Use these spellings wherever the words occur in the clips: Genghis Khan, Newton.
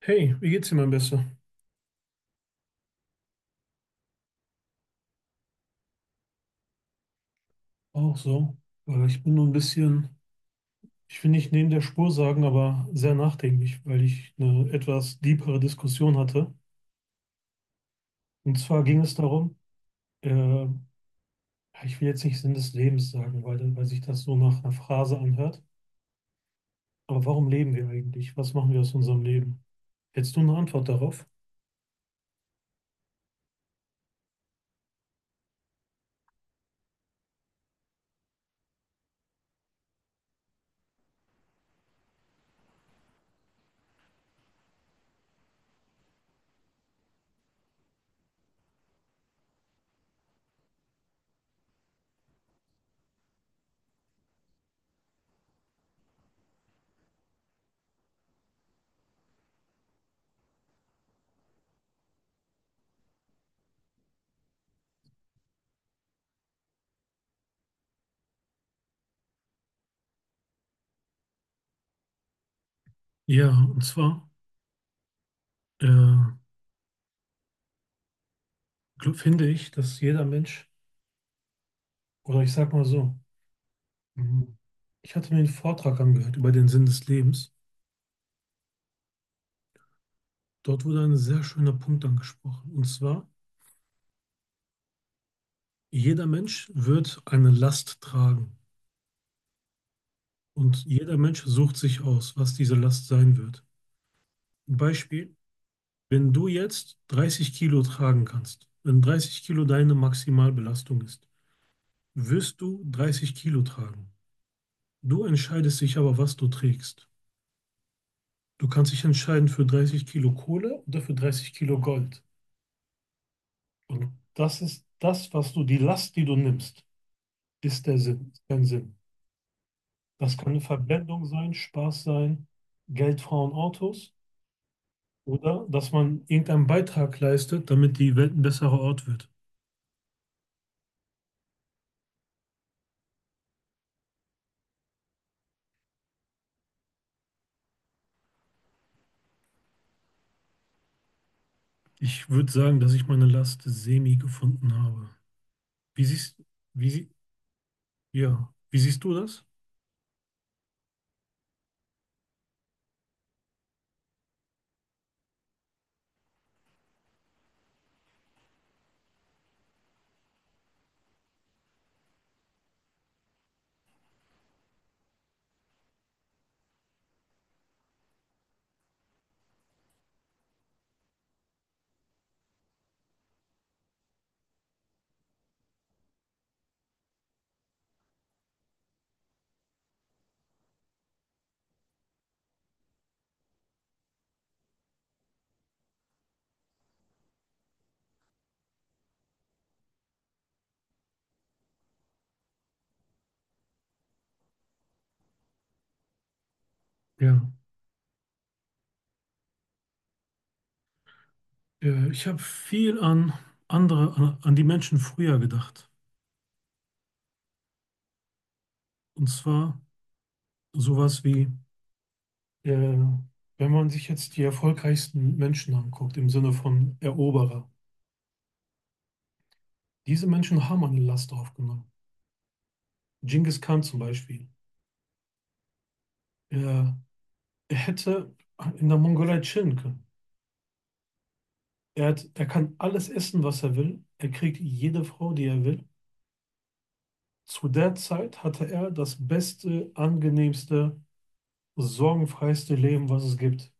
Hey, wie geht's dir, mein Bester? Auch so. Ich bin nur ein bisschen, ich will nicht neben der Spur sagen, aber sehr nachdenklich, weil ich eine etwas deepere Diskussion hatte. Und zwar ging es darum, äh, ja, ich will jetzt nicht Sinn des Lebens sagen, weil sich das so nach einer Phrase anhört. Aber warum leben wir eigentlich? Was machen wir aus unserem Leben? Hättest du eine Antwort darauf? Ja, und zwar äh, finde ich, dass jeder Mensch, oder ich sag mal so, mhm, ich hatte mir einen Vortrag angehört über den Sinn des Lebens. Dort wurde ein sehr schöner Punkt angesprochen. Und zwar, jeder Mensch wird eine Last tragen. Und jeder Mensch sucht sich aus, was diese Last sein wird. Ein Beispiel, wenn du jetzt 30 Kilo tragen kannst, wenn 30 Kilo deine Maximalbelastung ist, wirst du 30 Kilo tragen. Du entscheidest dich aber, was du trägst. Du kannst dich entscheiden für 30 Kilo Kohle oder für 30 Kilo Gold. Und das ist das, was du, die Last, die du nimmst, ist der Sinn, ist dein Sinn. Das kann eine Verblendung sein, Spaß sein, Geld, Frauen, Autos oder dass man irgendeinen Beitrag leistet, damit die Welt ein besserer Ort wird. Ich würde sagen, dass ich meine Last semi gefunden habe. Wie siehst, wie, sie- ja, wie siehst du das? Ja. Ich habe viel an andere, an, an die Menschen früher gedacht. Und zwar sowas wie, äh, wenn man sich jetzt die erfolgreichsten Menschen anguckt, im Sinne von Eroberer. Diese Menschen haben eine Last aufgenommen. Genghis Khan zum Beispiel. Er, er hätte in der Mongolei chillen können. Er hat, er kann alles essen, was er will. Er kriegt jede Frau, die er will. Zu der Zeit hatte er das beste, angenehmste, sorgenfreiste Leben, was es gibt.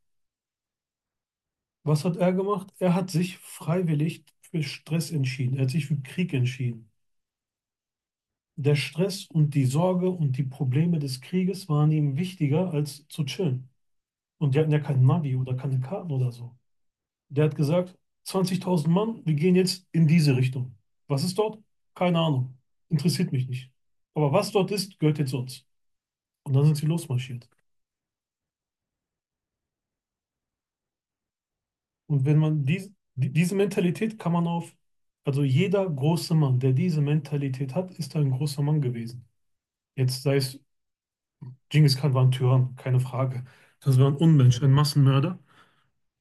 Was hat er gemacht? Er hat sich freiwillig für Stress entschieden. Er hat sich für Krieg entschieden. Der Stress und die Sorge und die Probleme des Krieges waren ihm wichtiger als zu chillen. Und die hatten ja kein Navi oder keine Karten oder so. Der hat gesagt, 20.000 Mann, wir gehen jetzt in diese Richtung. Was ist dort? Keine Ahnung. Interessiert mich nicht. Aber was dort ist, gehört jetzt uns. Und dann sind sie losmarschiert. Und wenn man dies, die, diese Mentalität kann man auf, also jeder große Mann, der diese Mentalität hat, ist ein großer Mann gewesen. Jetzt sei es, Genghis Khan war ein Tyrann, keine Frage. Das war ein Unmensch, ein Massenmörder.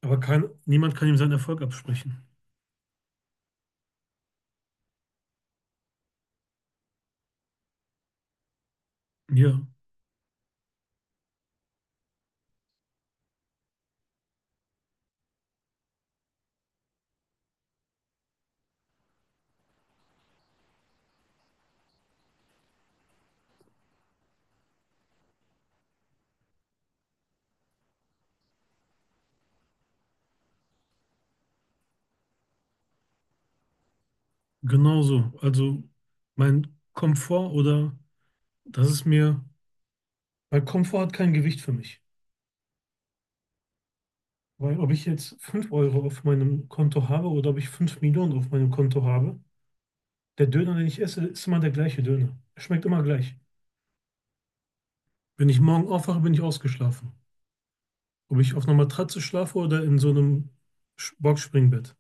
Aber kein, niemand kann ihm seinen Erfolg absprechen. Ja, genau so. Also mein Komfort oder das ist mir. Weil Komfort hat kein Gewicht für mich. Weil ob ich jetzt 5 Euro auf meinem Konto habe oder ob ich 5 Millionen auf meinem Konto habe, der Döner, den ich esse, ist immer der gleiche Döner. Er schmeckt immer gleich. Wenn ich morgen aufwache, bin ich ausgeschlafen. Ob ich auf einer Matratze schlafe oder in so einem Boxspringbett.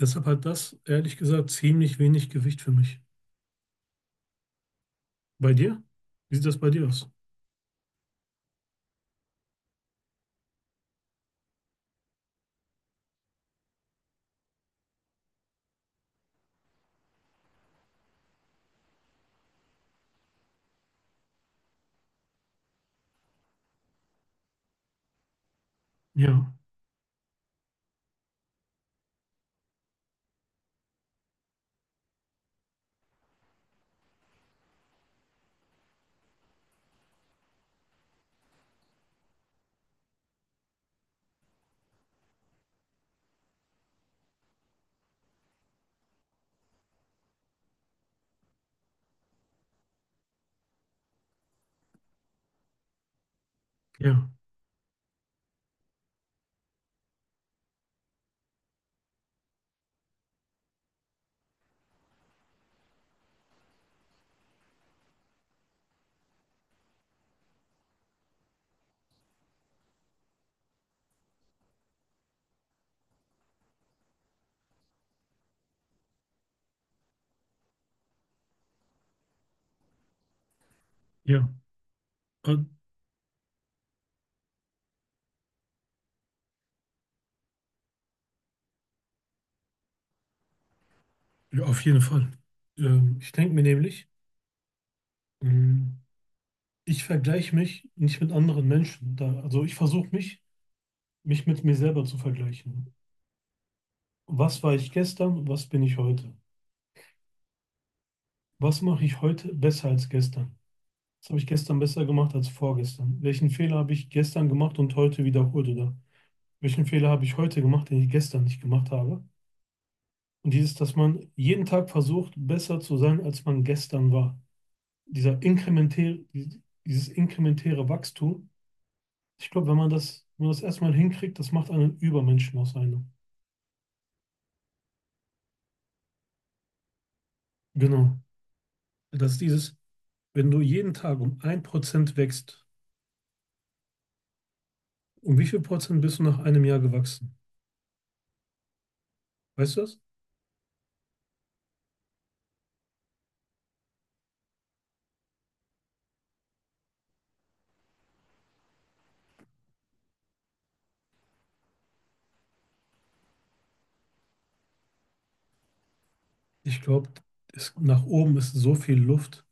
Deshalb hat das, ehrlich gesagt, ziemlich wenig Gewicht für mich. Bei dir? Wie sieht das bei dir aus? Ja, ja, ja. Äh, Ja, auf jeden Fall. Ich denke mir nämlich, mh, Ich vergleiche mich nicht mit anderen Menschen. Da, also ich versuche mich mit mir selber zu vergleichen. Was war ich gestern und was bin ich heute? Was mache ich heute besser als gestern? Was habe ich gestern besser gemacht als vorgestern? Welchen Fehler habe ich gestern gemacht und heute wiederholt? Oder welchen Fehler habe ich heute gemacht, den ich gestern nicht gemacht habe? Und dieses, dass man jeden Tag versucht, besser zu sein, als man gestern war. Dieser inkrementäre, dieses inkrementäre Wachstum, ich glaube, wenn man das erstmal hinkriegt, das macht einen Übermenschen aus einem. Genau. Das ist dieses, wenn du jeden Tag um ein Prozent wächst, um wie viel Prozent bist du nach einem Jahr gewachsen? Weißt du das? Ich glaube, nach oben ist so viel Luft.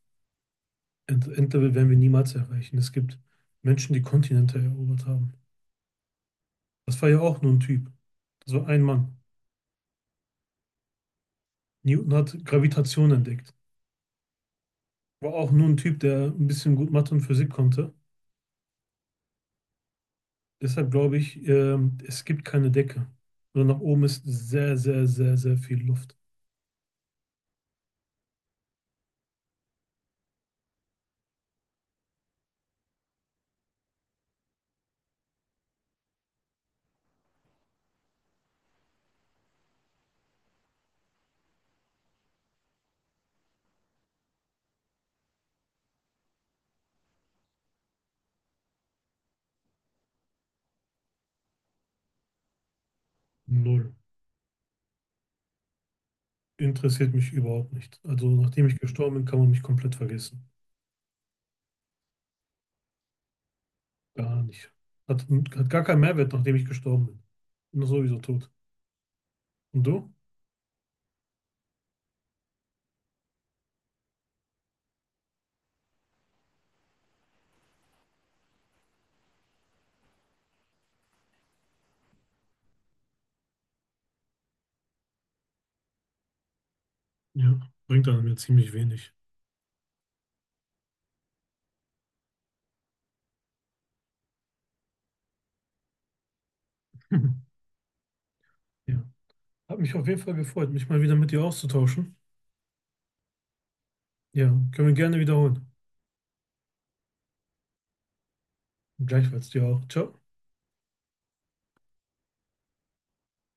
Endlevel werden wir niemals erreichen. Es gibt Menschen, die Kontinente erobert haben. Das war ja auch nur ein Typ. Das war ein Mann. Newton hat Gravitation entdeckt. War auch nur ein Typ, der ein bisschen gut Mathe und Physik konnte. Deshalb glaube ich, es gibt keine Decke. Sondern nach oben ist sehr, sehr, sehr, sehr viel Luft. Null. Interessiert mich überhaupt nicht. Also nachdem ich gestorben bin, kann man mich komplett vergessen. Gar nicht. Hat gar keinen Mehrwert, nachdem ich gestorben bin. Bin sowieso tot. Und du? Ja, bringt einem ja ziemlich wenig. Ja. Hat mich auf jeden Fall gefreut, mich mal wieder mit dir auszutauschen. Ja, können wir gerne wiederholen. Gleichfalls dir auch. Ciao.